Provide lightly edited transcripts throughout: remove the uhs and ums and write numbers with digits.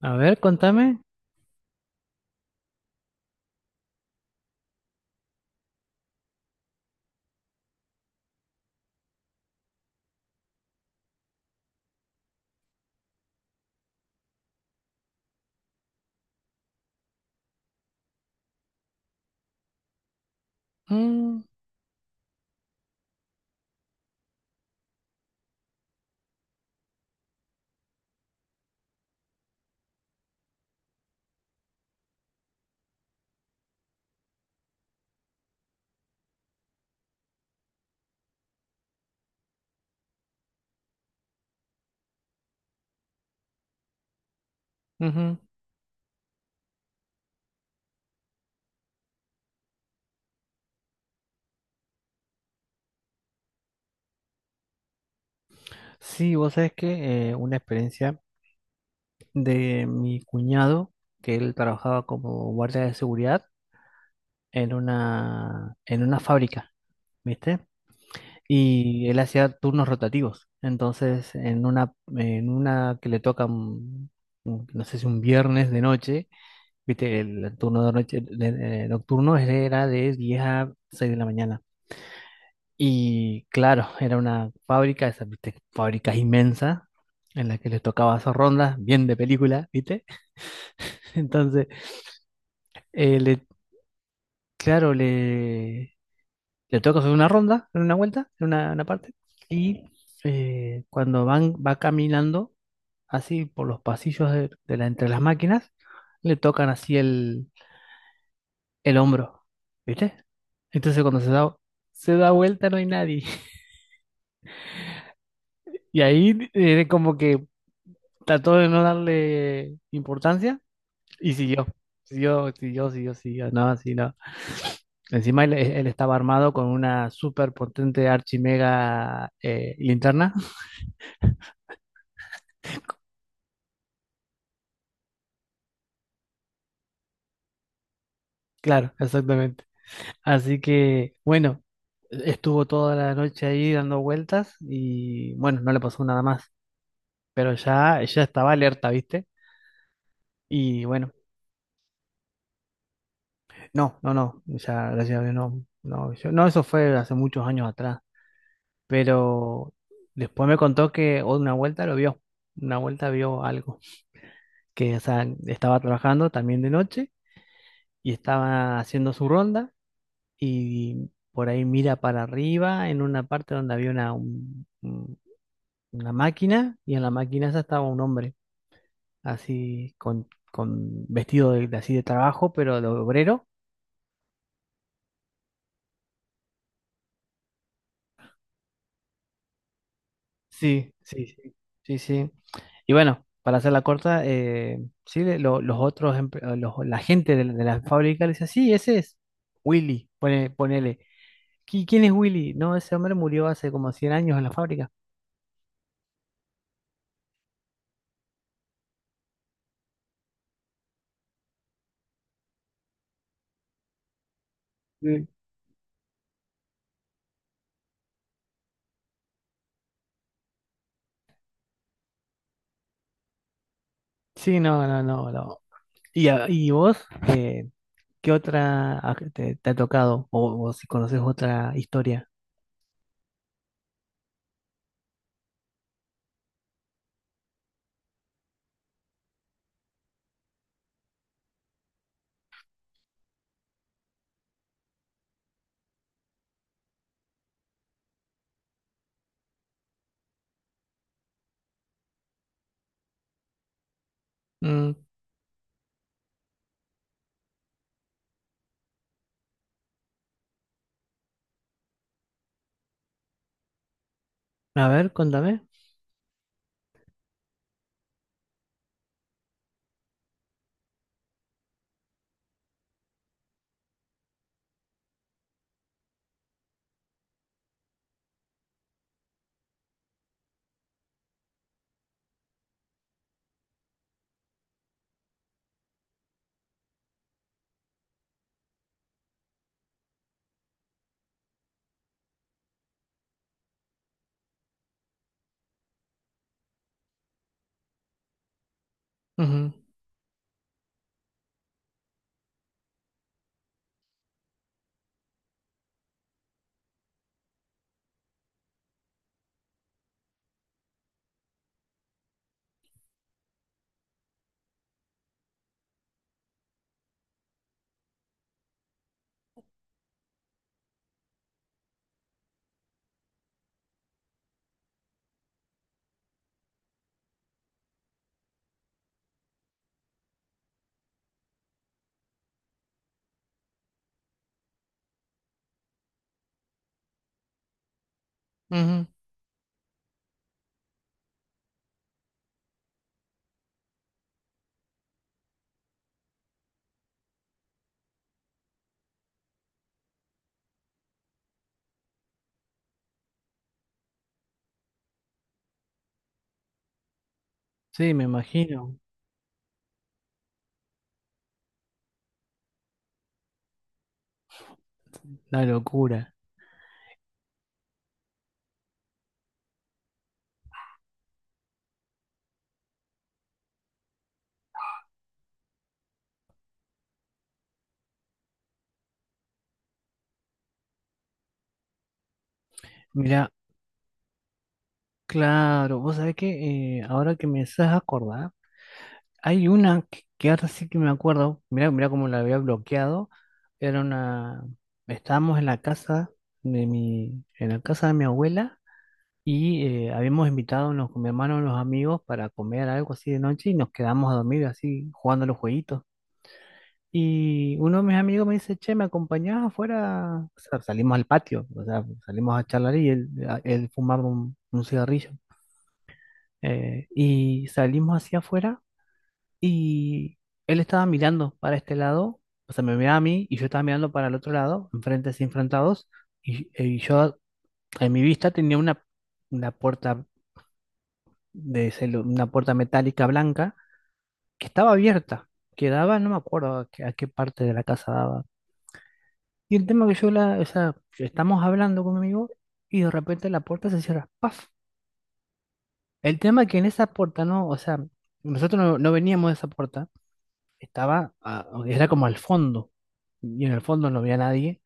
A ver, contame. Mm, ujú. Sí, vos sabés que una experiencia de mi cuñado, que él trabajaba como guardia de seguridad en una fábrica, ¿viste? Y él hacía turnos rotativos. Entonces, en una que le toca, no sé si un viernes de noche, ¿viste? El turno de noche, nocturno era de 10 a 6 de la mañana. Y claro, era una fábrica, esa, ¿viste? Fábrica inmensa, en la que les tocaba hacer rondas, bien de película, ¿viste? Entonces, eh, le, claro, le toca hacer una ronda, en una vuelta, una parte, y cuando va caminando así por los pasillos de la, entre las máquinas, le tocan así el hombro, ¿viste? Entonces se da vuelta no hay nadie. Y ahí como que trató de no darle importancia y siguió. Siguió, siguió, siguió, siguió. No, sí, no. Encima él estaba armado con una súper potente archimega linterna. Claro, exactamente. Así que, bueno, estuvo toda la noche ahí dando vueltas y, bueno, no le pasó nada más. Pero ya, ya estaba alerta, ¿viste? Y bueno, no, no, no. Ya, gracias a Dios, no. No, no, eso fue hace muchos años atrás. Pero después me contó que una vuelta lo vio, una vuelta vio algo, que o sea, estaba trabajando también de noche y estaba haciendo su ronda y por ahí mira para arriba en una parte donde había una, una máquina y en la máquina esa estaba un hombre así con vestido de así de trabajo, pero de obrero. Sí, sí, sí, sí, sí. Y bueno, para hacerla corta, sí, los otros, la gente de la fábrica le dice, sí, ese es Willy, ponele. ¿Quién es Willy? No, ese hombre murió hace como 100 años en la fábrica." Mm. Sí, no, no, no, no. ¿Y, y vos, qué otra te, te ha tocado? O si conoces otra historia. Mm, a ver, contame. Ujú, ujú. Sí, me imagino. La locura. Mirá, claro, vos sabés que ahora que me estás acordar, hay una que ahora sí que me acuerdo, mira, mira cómo la había bloqueado, era una, estábamos en la casa de mi, en la casa de mi abuela y habíamos con mi hermano y unos amigos para comer algo así de noche y nos quedamos a dormir así jugando a los jueguitos. Y uno de mis amigos me dice, che, ¿me acompañás afuera? O sea, salimos al patio, o sea, salimos a charlar y él fumaba un cigarrillo. Y salimos hacia afuera y él estaba mirando para este lado, o sea, me miraba a mí y yo estaba mirando para el otro lado, enfrentes así enfrentados, y yo en mi vista tenía una puerta una puerta metálica blanca que estaba abierta, que daba, no me acuerdo a qué parte de la casa daba. Y el tema que yo la, o sea, estamos hablando con mi amigo y de repente la puerta se cierra, ¡paf! El tema que en esa puerta no, o sea, nosotros no, no veníamos de esa puerta. Estaba, era como al fondo, y en el fondo no había nadie,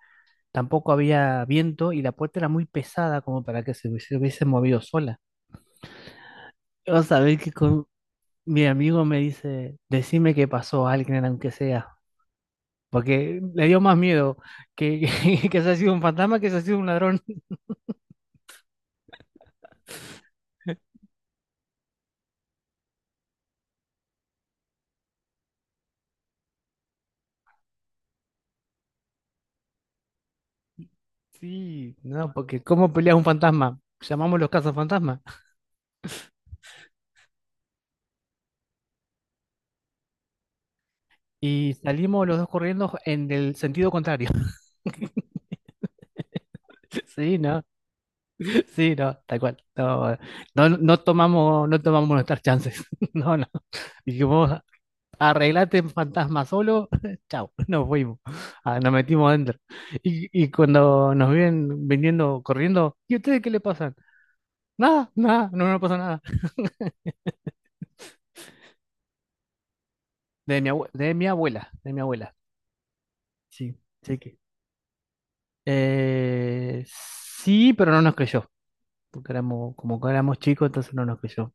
tampoco había viento y la puerta era muy pesada como para que se hubiese, hubiese movido sola. Vas a ver que con mi amigo me dice, decime que pasó alguien aunque sea, porque le dio más miedo que, que se ha sido un fantasma que se ha sido un ladrón. Sí, no, porque ¿cómo pelea un fantasma? Llamamos los cazafantasmas y salimos los dos corriendo en el sentido contrario. Sí, ¿no? Sí, no, tal cual. No, no tomamos nuestras chances. No, no. Dijimos, arreglate fantasma solo, chao, nos fuimos. Ah, nos metimos adentro. Y cuando nos vienen viniendo corriendo, ¿y ustedes qué le pasan? Nada, nada, no nos pasa nada. De mi abuela, de mi abuela. Sí, sí que. Sí, pero no nos creyó. Porque éramos, como que éramos chicos, entonces no nos creyó.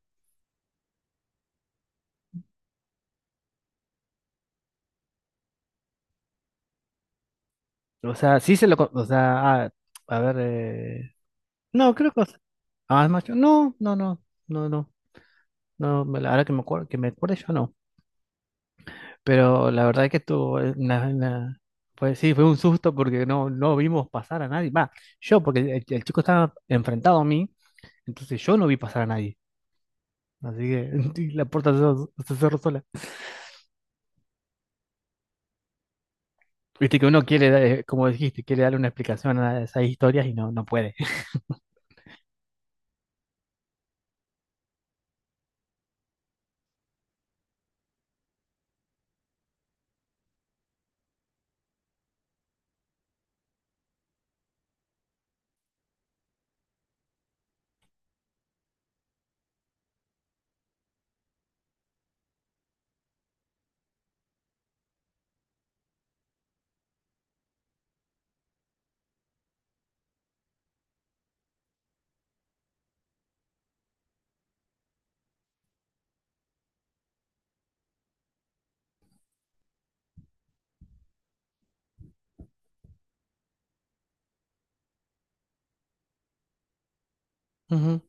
O sea, O sea, a ver. No, creo que... Ah, es macho. No, no, no, no, no. No, la que me acuerdo yo no. Pero la verdad es que estuvo pues sí, fue un susto porque no, no vimos pasar a nadie. Va, yo, porque el chico estaba enfrentado a mí, entonces yo no vi pasar a nadie. Así que y cerró se cerró sola. Viste que uno quiere, dar, como dijiste, quiere darle una explicación a esas historias y no, no puede. Ujú.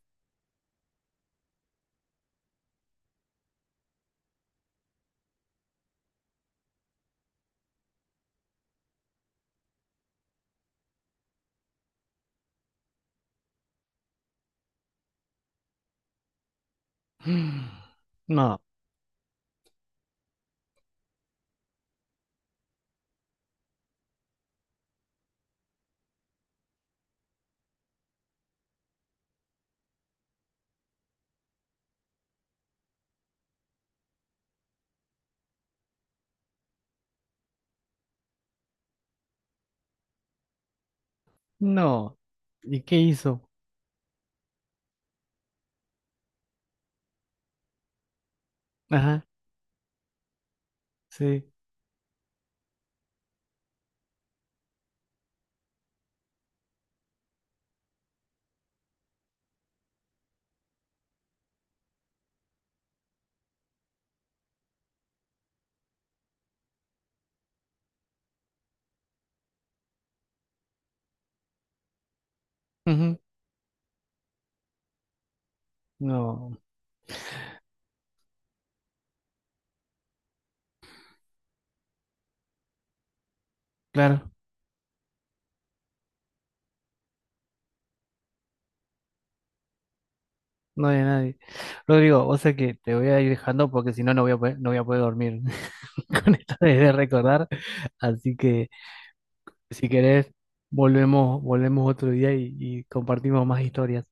No, no. ¿Y qué hizo? Ajá, sí. Ujú. No. Claro, no había nadie. Rodrigo, o sea que te voy a ir dejando porque si no, no voy a poder, no voy a poder dormir con esto de recordar. Así que si querés, volvemos, volvemos otro día y compartimos más historias.